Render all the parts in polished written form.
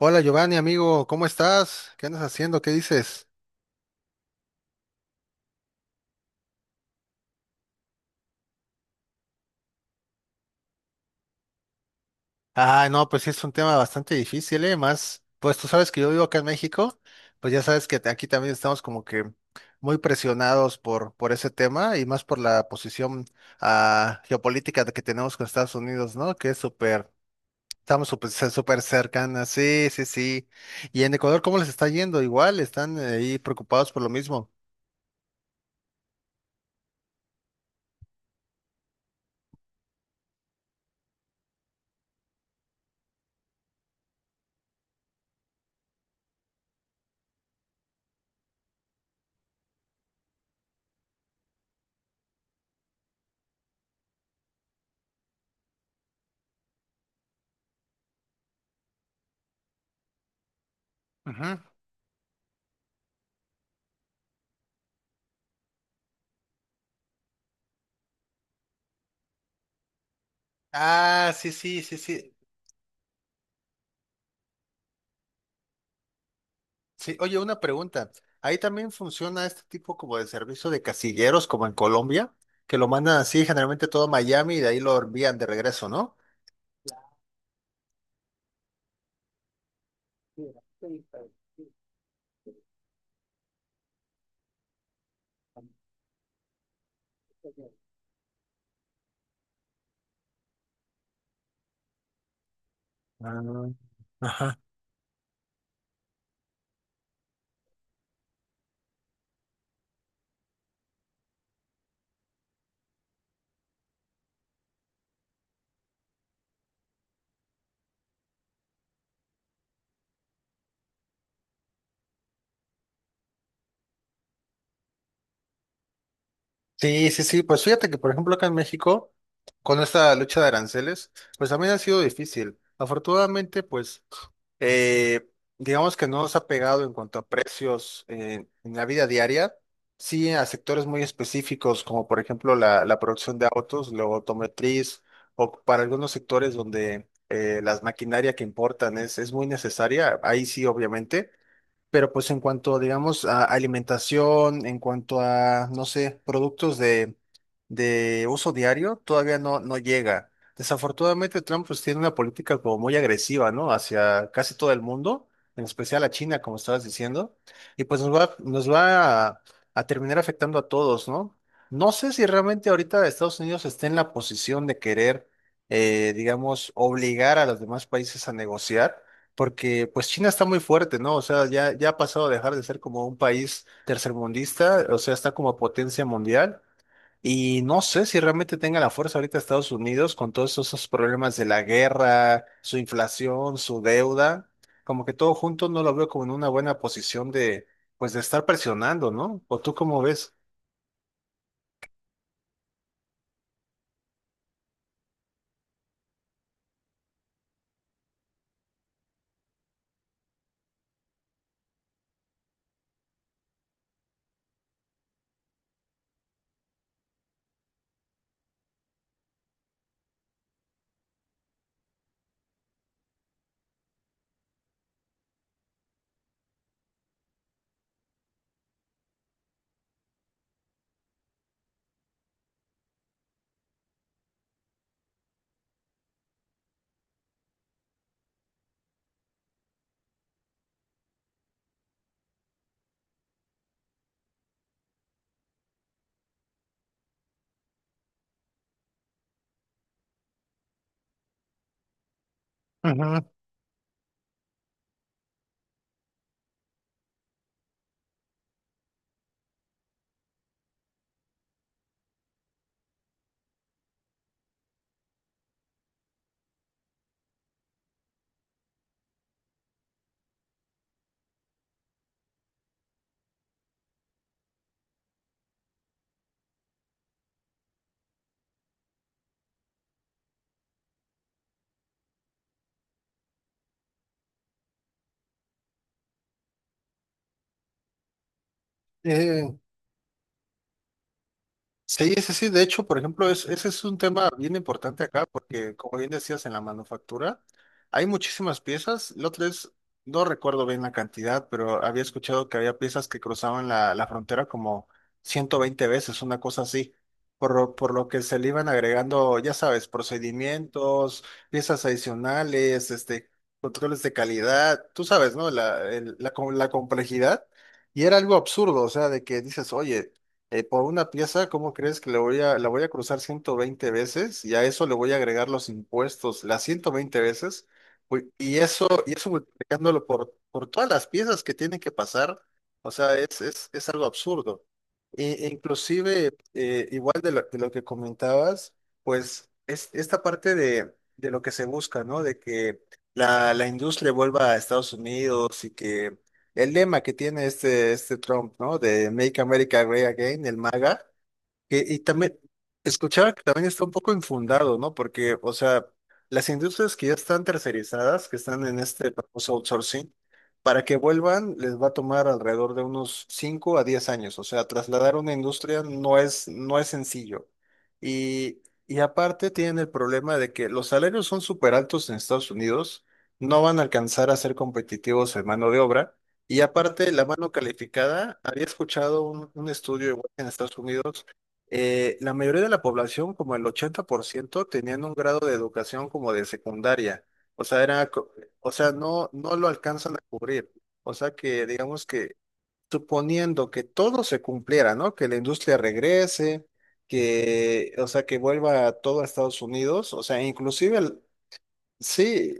Hola Giovanni, amigo, ¿cómo estás? ¿Qué andas haciendo? ¿Qué dices? Ah, no, pues sí es un tema bastante difícil, ¿eh? Más, pues tú sabes que yo vivo acá en México, pues ya sabes que aquí también estamos como que muy presionados por ese tema y más por la posición geopolítica de que tenemos con Estados Unidos, ¿no? Que es súper, estamos súper, súper cercanas, sí, sí, sí. Y en Ecuador, ¿cómo les está yendo? Igual, están ahí preocupados por lo mismo. Ujú. Ah, sí, sí, sí, sí. Sí, oye, una pregunta. Ahí también funciona este tipo como de servicio de casilleros, como en Colombia, que lo mandan así generalmente todo a Miami y de ahí lo envían de regreso, ¿no? Ah, ajá. Sí, sí, sí. Pues fíjate que, por ejemplo, acá en México, con esta lucha de aranceles, pues también ha sido difícil. Afortunadamente, pues Eh, digamos que no nos ha pegado en cuanto a precios, en la vida diaria, sí a sectores muy específicos, como por ejemplo la producción de autos, la automotriz, o para algunos sectores donde las maquinaria que importan es muy necesaria, ahí sí obviamente, pero pues en cuanto, digamos, a alimentación, en cuanto a, no sé, productos de uso diario, todavía no, no llega. Desafortunadamente Trump pues tiene una política como muy agresiva, ¿no? Hacia casi todo el mundo, en especial a China, como estabas diciendo, y pues nos va a terminar afectando a todos, ¿no? No sé si realmente ahorita Estados Unidos está en la posición de querer, digamos, obligar a los demás países a negociar porque pues China está muy fuerte, ¿no? O sea, ya ha pasado a dejar de ser como un país tercermundista, o sea, está como potencia mundial. Y no sé si realmente tenga la fuerza ahorita Estados Unidos con todos esos problemas de la guerra, su inflación, su deuda, como que todo junto no lo veo como en una buena posición de, pues, de estar presionando, ¿no? ¿O tú cómo ves? Ujú. Eh, Sí, ese sí. De hecho, por ejemplo, ese es un tema bien importante acá porque, como bien decías, en la manufactura hay muchísimas piezas. La otra es, no recuerdo bien la cantidad, pero había escuchado que había piezas que cruzaban la frontera como 120 veces, una cosa así. Por lo que se le iban agregando, ya sabes, procedimientos, piezas adicionales, este, controles de calidad, tú sabes, ¿no? La complejidad. Y era algo absurdo, o sea, de que dices, oye, por una pieza, ¿cómo crees que la voy a cruzar 120 veces? Y a eso le voy a agregar los impuestos, las 120 veces. Uy. Y eso multiplicándolo por todas las piezas que tienen que pasar. O sea, es algo absurdo. E inclusive, igual de lo, que comentabas, pues es esta parte de lo que se busca, ¿no? De que la industria vuelva a Estados Unidos y que el lema que tiene este Trump, ¿no? De Make America Great Again, el MAGA, y también escuchaba que también está un poco infundado, ¿no? Porque, o sea, las industrias que ya están tercerizadas, que están en este famoso outsourcing, para que vuelvan les va a tomar alrededor de unos 5 a 10 años. O sea, trasladar una industria no es sencillo. Y aparte tienen el problema de que los salarios son súper altos en Estados Unidos, no van a alcanzar a ser competitivos en mano de obra. Y aparte, la mano calificada, había escuchado un estudio igual en Estados Unidos, la mayoría de la población, como el 80% tenían un grado de educación como de secundaria. O sea, o sea, no lo alcanzan a cubrir. O sea que, digamos que, suponiendo que todo se cumpliera, ¿no? Que la industria regrese, que, o sea, que vuelva todo a Estados Unidos, o sea, inclusive, sí,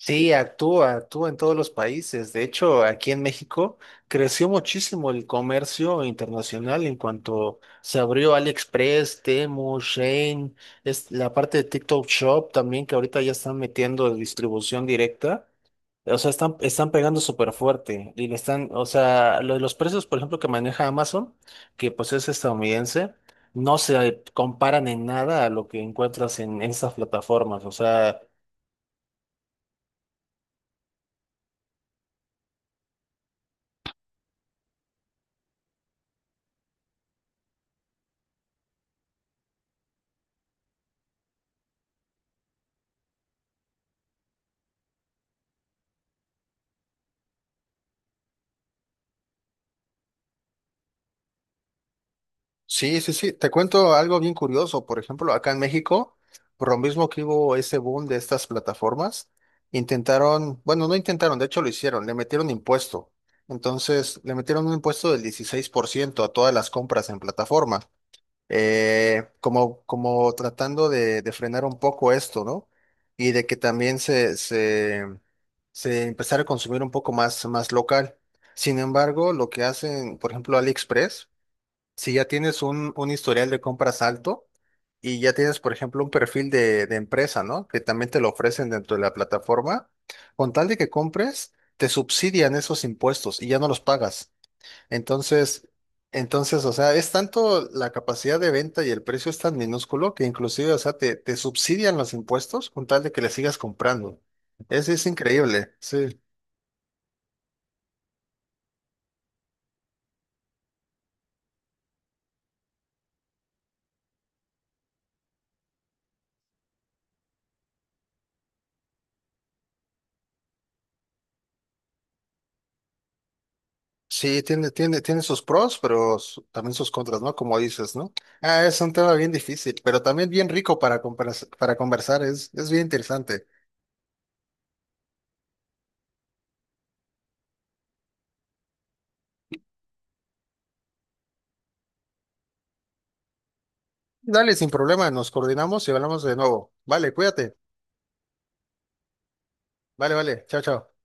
sí, actúa en todos los países. De hecho, aquí en México creció muchísimo el comercio internacional en cuanto se abrió AliExpress, Temu, Shein, es la parte de TikTok Shop también que ahorita ya están metiendo distribución directa. O sea, están pegando súper fuerte y le están, o sea, lo de los precios, por ejemplo, que maneja Amazon, que pues es estadounidense, no se comparan en nada a lo que encuentras en estas plataformas. O sea. Sí, sí, sí. Te cuento algo bien curioso. Por ejemplo, acá en México, por lo mismo que hubo ese boom de estas plataformas, intentaron, bueno, no intentaron, de hecho lo hicieron, le metieron impuesto. Entonces, le metieron un impuesto del 16% a todas las compras en plataforma, como tratando de frenar un poco esto, ¿no? Y de que también se empezara a consumir un poco más local. Sin embargo, lo que hacen, por ejemplo, AliExpress, si ya tienes un historial de compras alto y ya tienes, por ejemplo, un perfil de empresa, ¿no? Que también te lo ofrecen dentro de la plataforma, con tal de que compres, te subsidian esos impuestos y ya no los pagas. Entonces, entonces, o sea, es tanto la capacidad de venta y el precio es tan minúsculo que inclusive, o sea, te subsidian los impuestos con tal de que le sigas comprando. Es increíble, sí. Sí, tiene sus pros, pero también sus contras, ¿no? Como dices, ¿no? Ah, es un tema bien difícil, pero también bien rico para conversar, es bien interesante. Dale, sin problema, nos coordinamos y hablamos de nuevo. Vale, cuídate. Vale, vale, chao, chao.